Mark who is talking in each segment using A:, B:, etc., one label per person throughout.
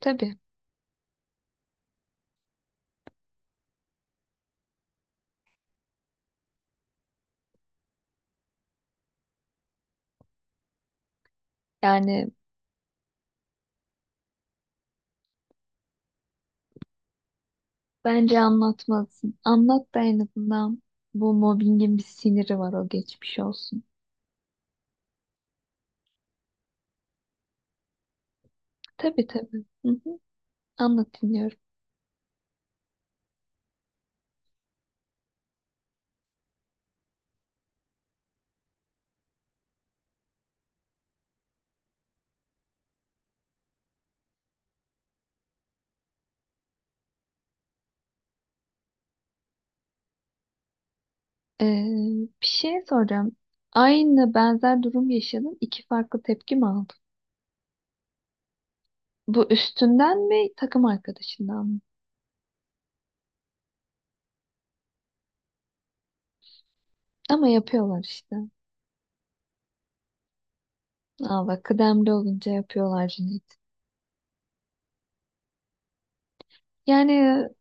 A: Tabii. Yani bence anlatmalısın. Anlat da en azından bu mobbingin bir siniri var o geçmiş olsun. Tabii tabii. Hı hı. Anlat dinliyorum. Ee, Bir şey soracağım. Aynı benzer durum yaşadın. İki farklı tepki mi aldın? Bu üstünden mi takım arkadaşından mı? Ama yapıyorlar işte. Aa bak kıdemli olunca yapıyorlar Cüneyt. Yani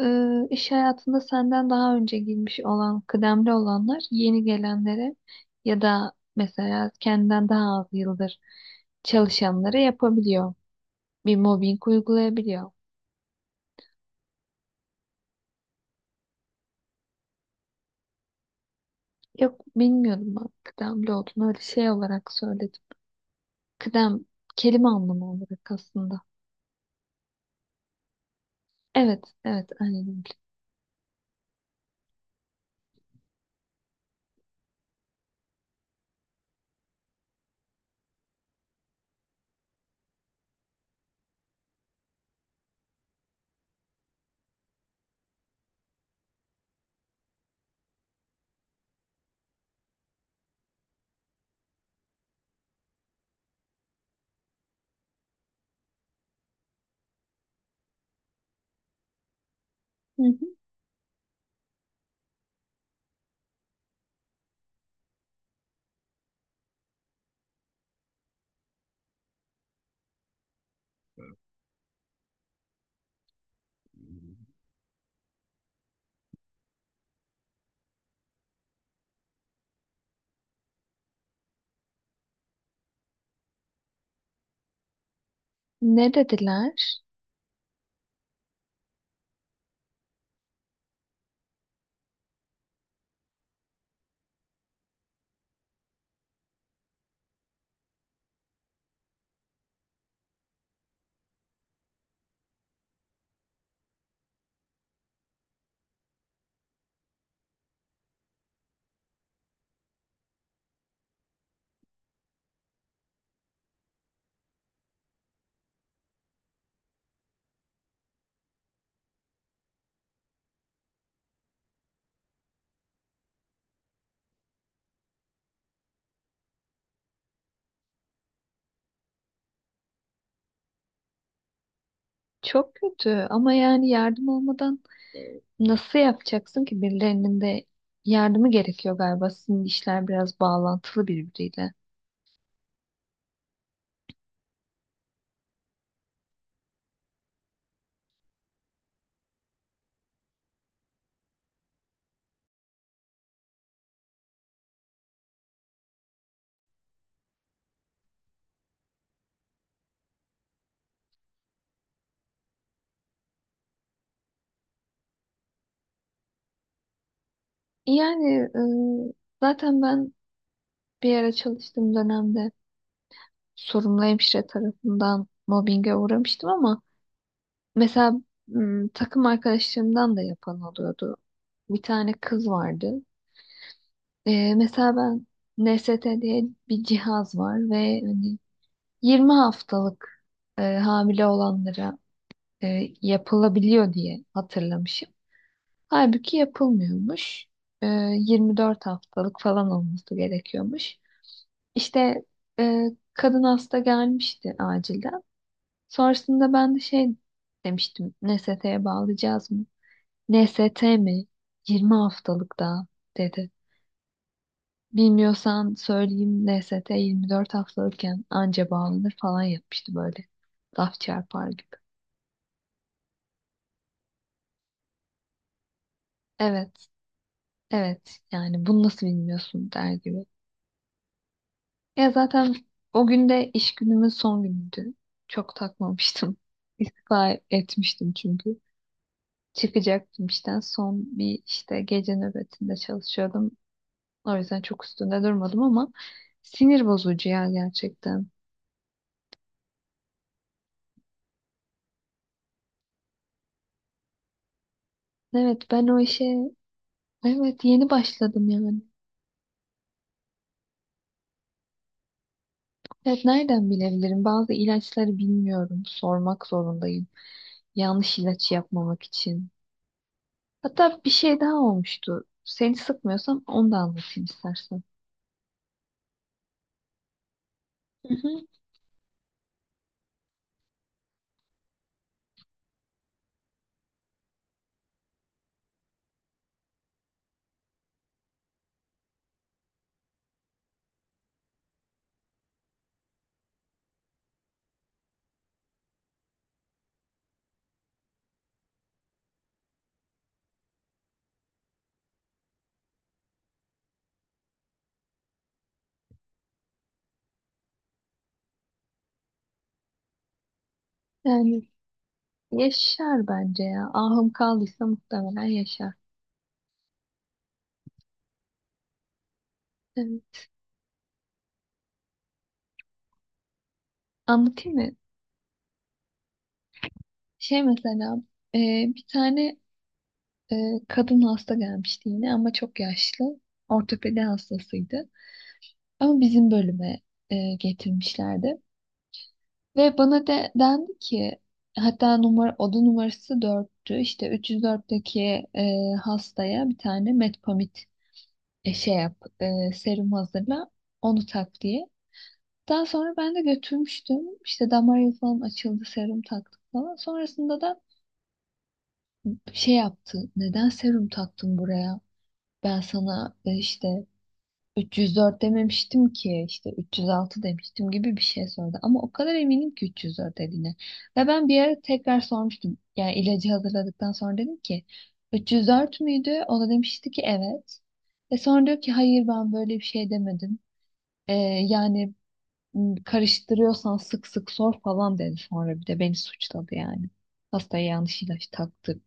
A: iş hayatında senden daha önce girmiş olan, kıdemli olanlar yeni gelenlere ya da mesela kendinden daha az yıldır çalışanlara yapabiliyor. Bir mobbing uygulayabiliyor. Yok bilmiyorum, ben kıdemli olduğunu öyle şey olarak söyledim. Kıdem kelime anlamı olarak aslında. Evet, evet aynen öyle. Hı hı. Ne dediler? Çok kötü ama yani yardım olmadan nasıl yapacaksın ki, birilerinin de yardımı gerekiyor galiba. Sizin işler biraz bağlantılı birbiriyle. Yani e, zaten ben bir ara çalıştığım dönemde sorumlu hemşire tarafından mobbinge uğramıştım, ama mesela takım arkadaşlarımdan da yapan oluyordu. Bir tane kız vardı. Mesela ben NST diye bir cihaz var ve hani 20 haftalık hamile olanlara yapılabiliyor diye hatırlamışım. Halbuki yapılmıyormuş. Ee, 24 haftalık falan olması gerekiyormuş. İşte e, kadın hasta gelmişti acilden. Sonrasında ben de şey demiştim. NST'ye bağlayacağız mı? NST mi? 20 haftalık daha dedi. Bilmiyorsan söyleyeyim, NST 24 haftalıkken anca bağlanır falan yapmıştı böyle. Laf çarpar gibi. Evet, evet yani bunu nasıl bilmiyorsun der gibi. Ya zaten o gün de iş günümün son günüydü. Çok takmamıştım. İstifa etmiştim çünkü. Çıkacaktım işten. Son bir işte gece nöbetinde çalışıyordum. O yüzden çok üstünde durmadım, ama sinir bozucu ya gerçekten. Evet ben o işe evet yeni başladım yani. Evet, nereden bilebilirim? Bazı ilaçları bilmiyorum. Sormak zorundayım. Yanlış ilaç yapmamak için. Hatta bir şey daha olmuştu. Seni sıkmıyorsam onu da anlatayım istersen. Hı hı. Yani yaşar bence ya. Ahım kaldıysa muhtemelen yaşar. Evet. Anlatayım mı? Şey mesela e, bir tane e, kadın hasta gelmişti yine ama çok yaşlı. Ortopedi hastasıydı. Ama bizim bölüme getirmişlerdi. Ve bana dendi ki, hatta numara, oda numarası 4'tü. İşte 304'teki hastaya bir tane metpamit şey yap, serum hazırla, onu tak diye. Daha sonra ben de götürmüştüm. İşte damar yolu falan açıldı, serum taktık falan. Sonrasında da şey yaptı. Neden serum taktın buraya? Ben sana işte 304 dememiştim ki, işte 306 demiştim gibi bir şey sordu. Ama o kadar eminim ki 304 dediğine. Ve ben bir ara tekrar sormuştum. Yani ilacı hazırladıktan sonra dedim ki 304 müydü? O da demişti ki evet. Sonra diyor ki hayır ben böyle bir şey demedim. E, Yani "Hmm, karıştırıyorsan sık sık sor" falan dedi. Sonra bir de beni suçladı yani. Hastaya yanlış ilaç taktırdı.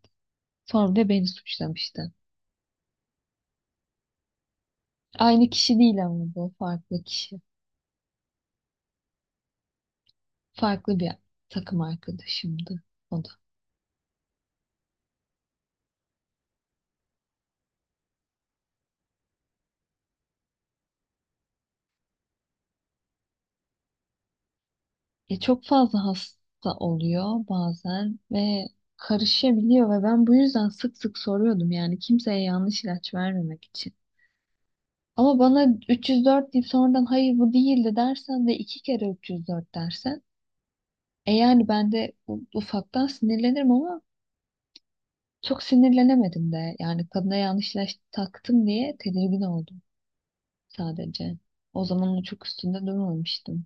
A: Sonra da beni suçlamıştı. Aynı kişi değil ama, bu farklı kişi. Farklı bir takım arkadaşımdı o da. Çok fazla hasta oluyor bazen ve karışabiliyor, ve ben bu yüzden sık sık soruyordum yani kimseye yanlış ilaç vermemek için. Ama bana 304 deyip sonradan hayır bu değildi dersen ve iki kere 304 dersen, yani ben de ufaktan sinirlenirim ama çok sinirlenemedim de. Yani kadına yanlışlaş taktım diye tedirgin oldum sadece. O zaman çok üstünde durmamıştım.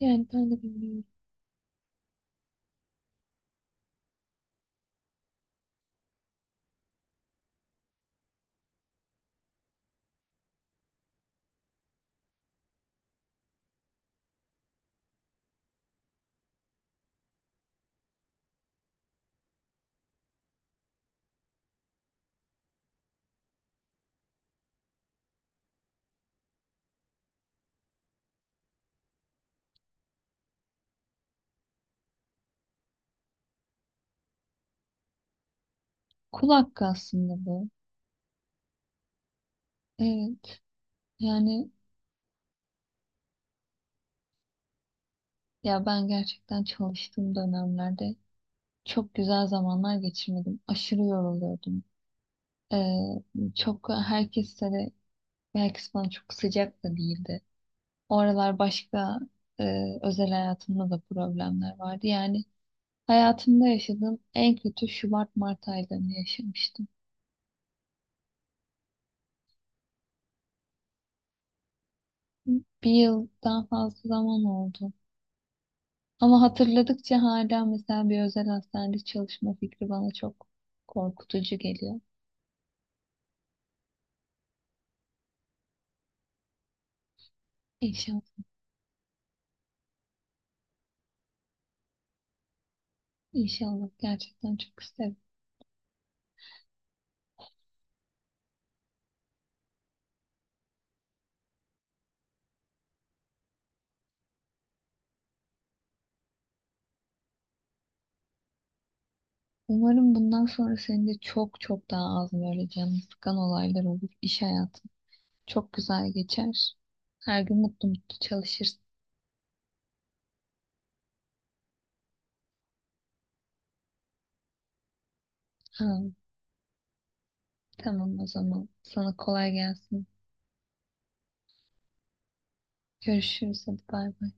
A: Yani ben de bilmiyorum. Kul hakkı aslında bu. Evet. Yani ya, ben gerçekten çalıştığım dönemlerde çok güzel zamanlar geçirmedim. Aşırı yoruluyordum. Ee, çok herkese de Herkes bana çok sıcak da değildi. O aralar başka e, özel hayatımda da problemler vardı. Yani hayatımda yaşadığım en kötü Şubat-Mart aylarını yaşamıştım. Bir yıldan fazla zaman oldu. Ama hatırladıkça hala mesela bir özel hastanede çalışma fikri bana çok korkutucu geliyor. İnşallah, inşallah gerçekten çok isterim. Umarım bundan sonra senin de çok çok daha az böyle canını sıkan olaylar olur. İş hayatın çok güzel geçer. Her gün mutlu mutlu çalışırsın. Ha. Tamam o zaman. Sana kolay gelsin. Görüşürüz. Hadi bay bay.